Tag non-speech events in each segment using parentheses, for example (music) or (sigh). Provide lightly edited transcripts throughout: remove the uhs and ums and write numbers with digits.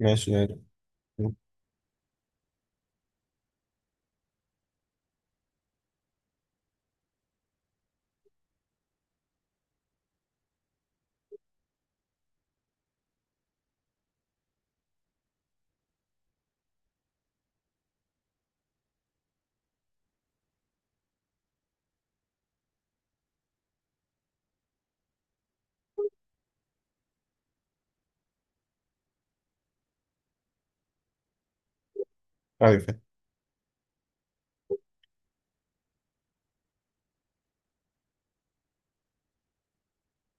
ماشي يعني. عارف يعني.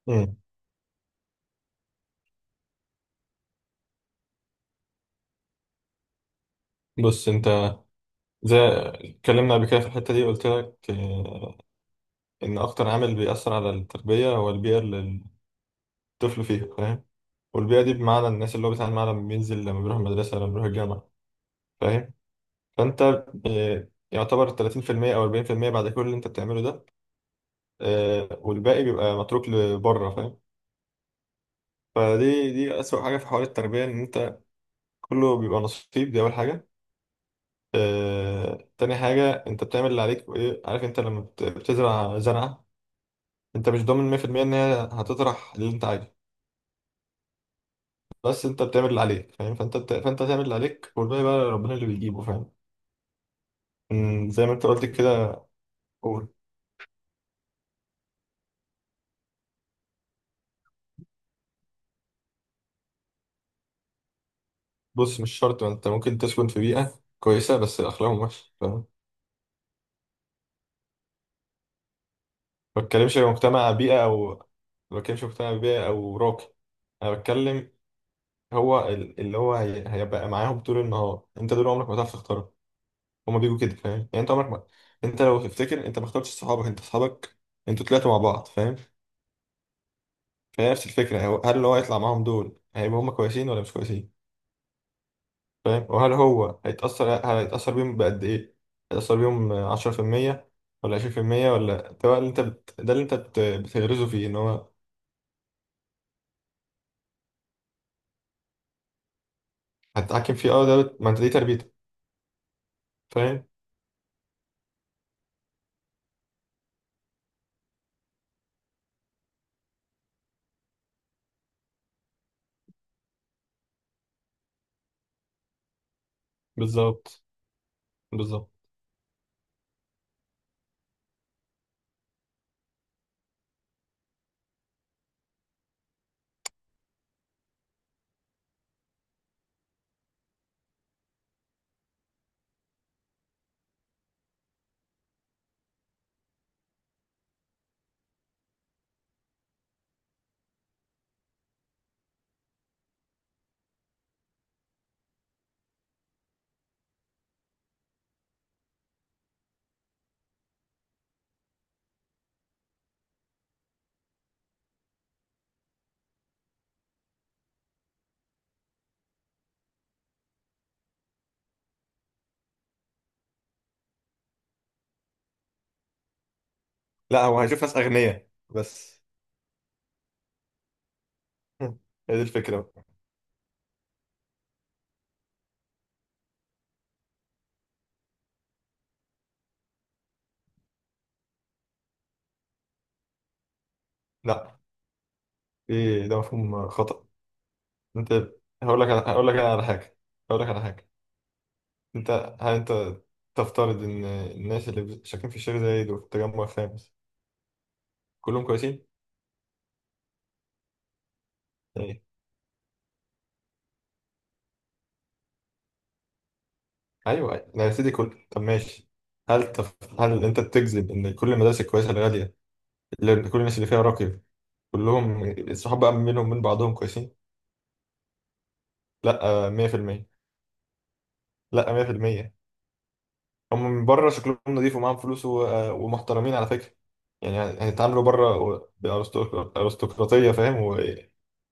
مم. بص، انت زي اتكلمنا قبل كده في الحتة دي قلت لك ان اكتر عامل بيأثر على التربية هو البيئة اللي الطفل فيها، فاهم. والبيئة دي بمعنى الناس اللي هو بيتعامل معاها لما بينزل، لما بيروح المدرسة، لما بيروح الجامعة، فاهم. فانت يعتبر 30% او 40% بعد كل اللي انت بتعمله ده، والباقي بيبقى متروك لبره، فاهم. فدي أسوأ حاجة في حوار التربية، ان انت كله بيبقى نصيب، دي اول حاجة. تاني حاجة، انت بتعمل اللي عليك، وايه عارف انت لما بتزرع زرعة، انت مش ضامن 100% ان هي هتطرح اللي انت عايزه، بس انت بتعمل اللي عليك، فاهم. فانت تعمل اللي عليك، والباقي بقى ربنا اللي بيجيبه، فاهم. زي ما انت قلت كده. قول. بص، مش شرط، ما انت ممكن تسكن في بيئة كويسة بس اخلاقهم وحشة، فاهم. ما بتكلمش مجتمع بيئة او ما بتكلمش مجتمع بيئة او راقي. انا بتكلم، اللي هو هيبقى معاهم طول النهار، انت دول عمرك ما هتعرف تختارهم، هما بيجوا كده، فاهم. انت لو تفتكر، انت ما اخترتش صحابك، انت صحابك انتوا طلعتوا مع بعض، فاهم. فهي نفس الفكره، هل اللي هو هيطلع معاهم دول هيبقوا هما كويسين ولا مش كويسين، فاهم. وهل هو هيتاثر بيهم بقد ايه؟ هيتاثر بيهم 10% ولا 20%، ولا ده بقى اللي انت بت... ده اللي انت بت... بتغرزه فيه ان هو هتتحكم فيه. اه، ما انت دي تربيتك، فاهم. بالظبط. بالظبط. لا، هو هيشوف ناس اغنياء بس. (laughs) هي دي الفكره بقى. لا، ايه ده مفهوم خطأ. انت هقول لك أنا على حاجه. هقول لك على حاجه. انت هل انت تفترض ان الناس اللي شاكين في الشيخ زايد وفي التجمع الخامس كلهم كويسين؟ ايه. ايوه، لا يا سيدي، طب ماشي. هل انت بتجزم ان كل المدارس الكويسه الغاليه اللي كل الناس اللي فيها راقي، كلهم الصحاب بقى منهم من بعضهم كويسين؟ لا، 100%. لا، 100%. هم من بره شكلهم نضيف ومعاهم فلوس ومحترمين على فكرة، يعني. هيتعاملوا بره بأرستقراطية، فاهم،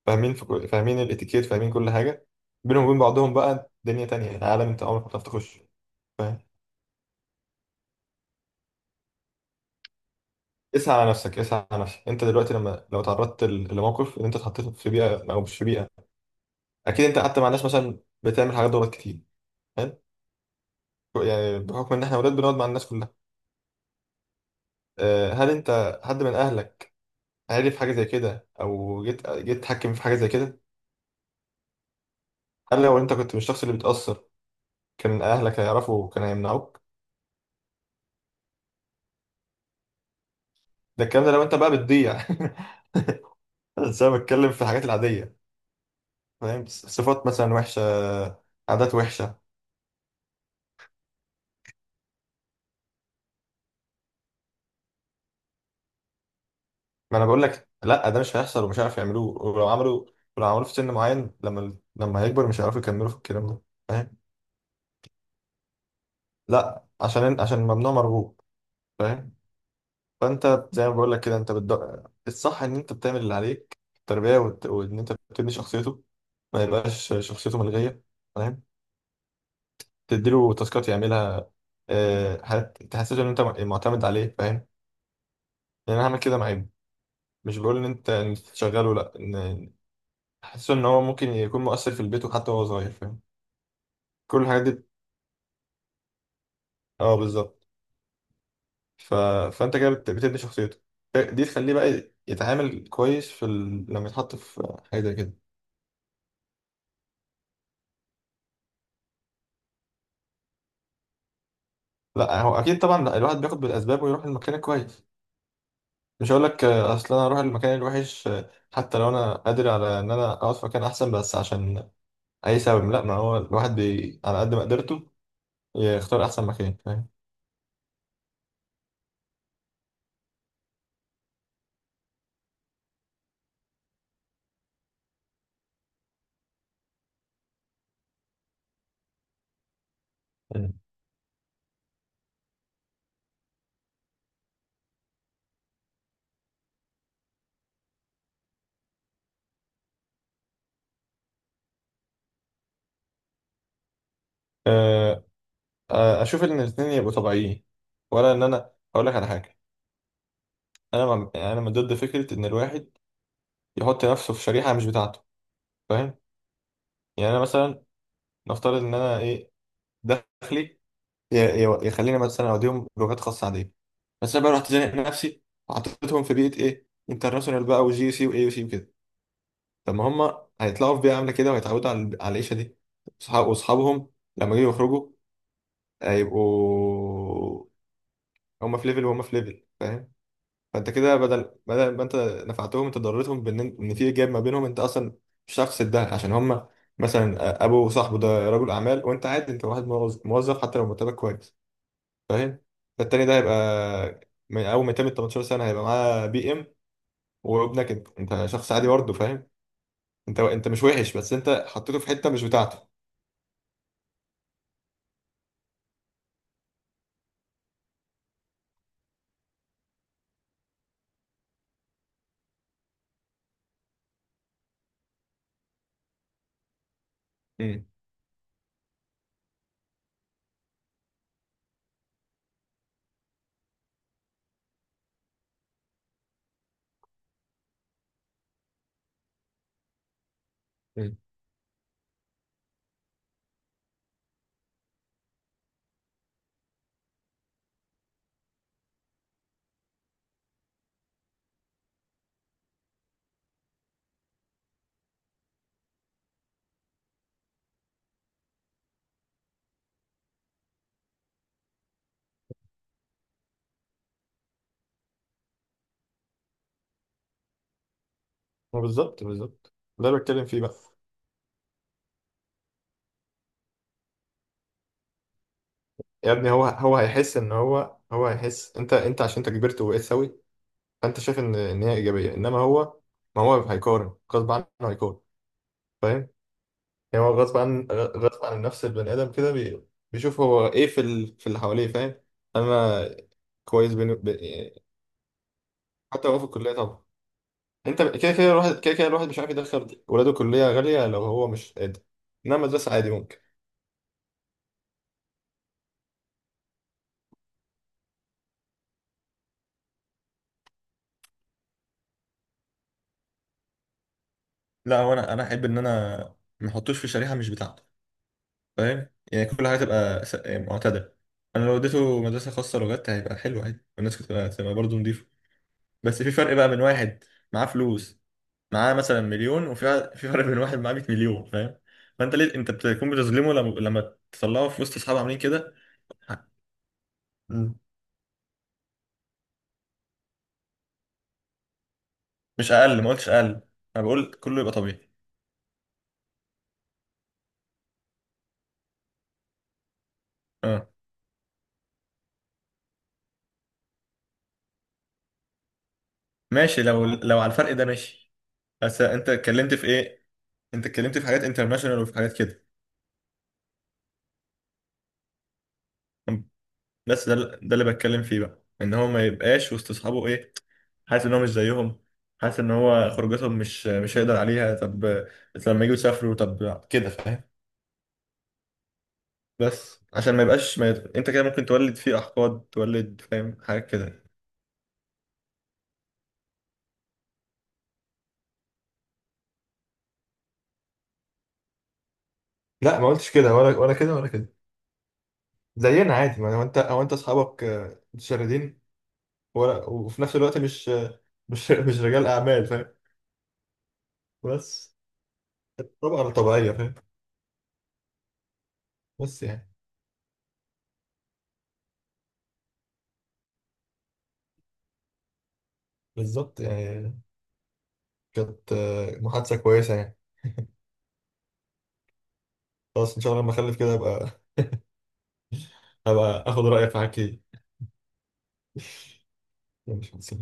وفاهمين فاهمين الاتيكيت، فاهمين كل حاجة. بينهم وبين بعضهم بقى دنيا تانية، يعني عالم انت عمرك ما هتعرف تخش، فاهم. اسعى على نفسك، اسعى على نفسك. انت دلوقتي، لو تعرضت لموقف ان انت اتحطيت في بيئة او مش في بيئة، اكيد انت قعدت مع ناس مثلا بتعمل حاجات غلط كتير، حلو. يعني بحكم ان احنا ولاد، بنقعد مع الناس كلها. هل انت حد من اهلك عارف حاجة زي كده؟ أو جيت تحكم في حاجة زي كده؟ هل لو أنت كنت مش الشخص اللي بيتأثر، كان أهلك هيعرفوا وكان هيمنعوك. ده الكلام، ده لو أنت بقى بتضيع. (laughs) بس أنا بتكلم في الحاجات العادية، فاهم، صفات مثلا وحشة، عادات وحشة. ما أنا بقول لك، لا ده مش هيحصل ومش هيعرفوا يعملوه، ولو عملوا، ولو عملوه في سن معين، لما هيكبر مش هيعرفوا يكملوا في الكلام ده، فاهم. لا، عشان ممنوع مرغوب، فاهم. فانت، زي ما بقول لك كده، الصح ان انت بتعمل اللي عليك في التربيه، وان انت بتبني شخصيته، ما يبقاش شخصيته ملغيه، فاهم. تديله تاسكات يعملها، حاجات تحسسه ان انت معتمد عليه، فاهم. يعني انا هعمل كده مع ابني. مش بقول ان انت إن أنت تشغله، لا، ان احسسه ان هو ممكن يكون مؤثر في البيت وحتى وهو صغير، فاهم. كل الحاجات دي. اه، بالظبط. ف... فانت كده بتبني شخصيته، دي تخليه بقى يتعامل كويس لما يتحط في حاجه زي كده. لا، هو اكيد طبعا الواحد بياخد بالاسباب ويروح المكان الكويس. مش هقول لك اصل انا اروح المكان الوحش، حتى لو انا قادر على ان انا اقعد في مكان احسن بس عشان اي سبب، لا. ما هو الواحد على قد ما قدرته يختار احسن مكان، فاهم. مم. آه، اشوف ان الاثنين يبقوا طبيعيين. ولا ان انا اقول لك على حاجه، انا ما انا من ضد فكره ان الواحد يحط نفسه في شريحه مش بتاعته، فاهم. يعني انا مثلا، نفترض ان انا، ايه، دخلي، ي- يخليني مثلا اوديهم لغات خاصه عاديه. بس انا بقى رحت زانق نفسي وحطيتهم في بيئه، ايه، انترناشونال بقى، وجي سي واي سي وكده. طب ما هم هيطلعوا في بيئه عامله كده وهيتعودوا على العيشه دي. صحاب واصحابهم لما يجوا يخرجوا، هيبقوا هم في ليفل وهم في ليفل، فاهم. فانت كده بدل ما انت نفعتهم، انت ضررتهم بان في جاب ما بينهم، انت اصلا مش هتعرف تسدها، عشان هم مثلا ابو صاحبه ده رجل اعمال وانت عادي، انت واحد موظف موظف حتى لو مرتبك كويس، فاهم. فالتاني ده هيبقى من اول ما يتم 18 سنه هيبقى معاه بي ام، وابنك انت شخص عادي برضه، فاهم. انت مش وحش، بس انت حطيته في حته مش بتاعته. امم. امم. ما بالظبط. بالظبط. ده اللي بتكلم فيه بقى. يا ابني، هو هيحس ان هو هيحس. انت، عشان انت كبرت وبقيت سوي، فانت شايف ان هي ايجابيه، انما ما هو هيقارن غصب عنه، هيقارن، فاهم. يعني هو غصب عن غصب عن نفس البني ادم كده، بيشوف هو ايه في اللي حواليه، فاهم. انا كويس بيني. حتى لو في الكليه، طبعا. انت كده كده الواحد كده كده الواحد مش عارف يدخل ولاده كليه غاليه لو هو مش قادر. انما مدرسه عادي ممكن. لا، هو انا، احب ان انا ما احطوش في شريحه مش بتاعته، فاهم. يعني كل حاجه تبقى، يعني معتدله. انا لو اديته مدرسه خاصه لغات هيبقى حلو عادي، والناس تبقى برضه نضيفه. بس في فرق بقى بين واحد معاه فلوس، معاه مثلا مليون، في فرق بين واحد معاه 100 مليون، فاهم. فانت ليه انت بتكون بتظلمه لما تطلعه في وسط اصحابه عاملين كده. مش اقل، ما قلتش اقل، انا بقول كله يبقى طبيعي. اه ماشي، لو لو على الفرق ده، ماشي. بس انت اتكلمت في ايه، انت اتكلمت في حاجات انترناشونال وفي حاجات كده. بس ده اللي بتكلم فيه بقى، ان هو ما يبقاش وسط اصحابه، ايه، حاسس ان هو مش زيهم، حاسس ان هو خروجاتهم مش هيقدر عليها. طب بس لما يجوا يسافروا، طب كده، فاهم. بس عشان ما يبقاش، ما يت... انت كده ممكن تولد فيه احقاد، تولد، فاهم، حاجات كده. لا ما قلتش كده، ولا كده ولا كده. زينا عادي، ما هو انت، اصحابك متشردين ولا، وفي نفس الوقت مش رجال اعمال، فاهم. بس. طبعا طبيعيه، فاهم. بس يعني. بالظبط، يعني. كانت محادثه كويسه، يعني. خلاص، ان شاء الله لما اخلف كده ابقى، اخد رايك في حاجات كتير. ماشي،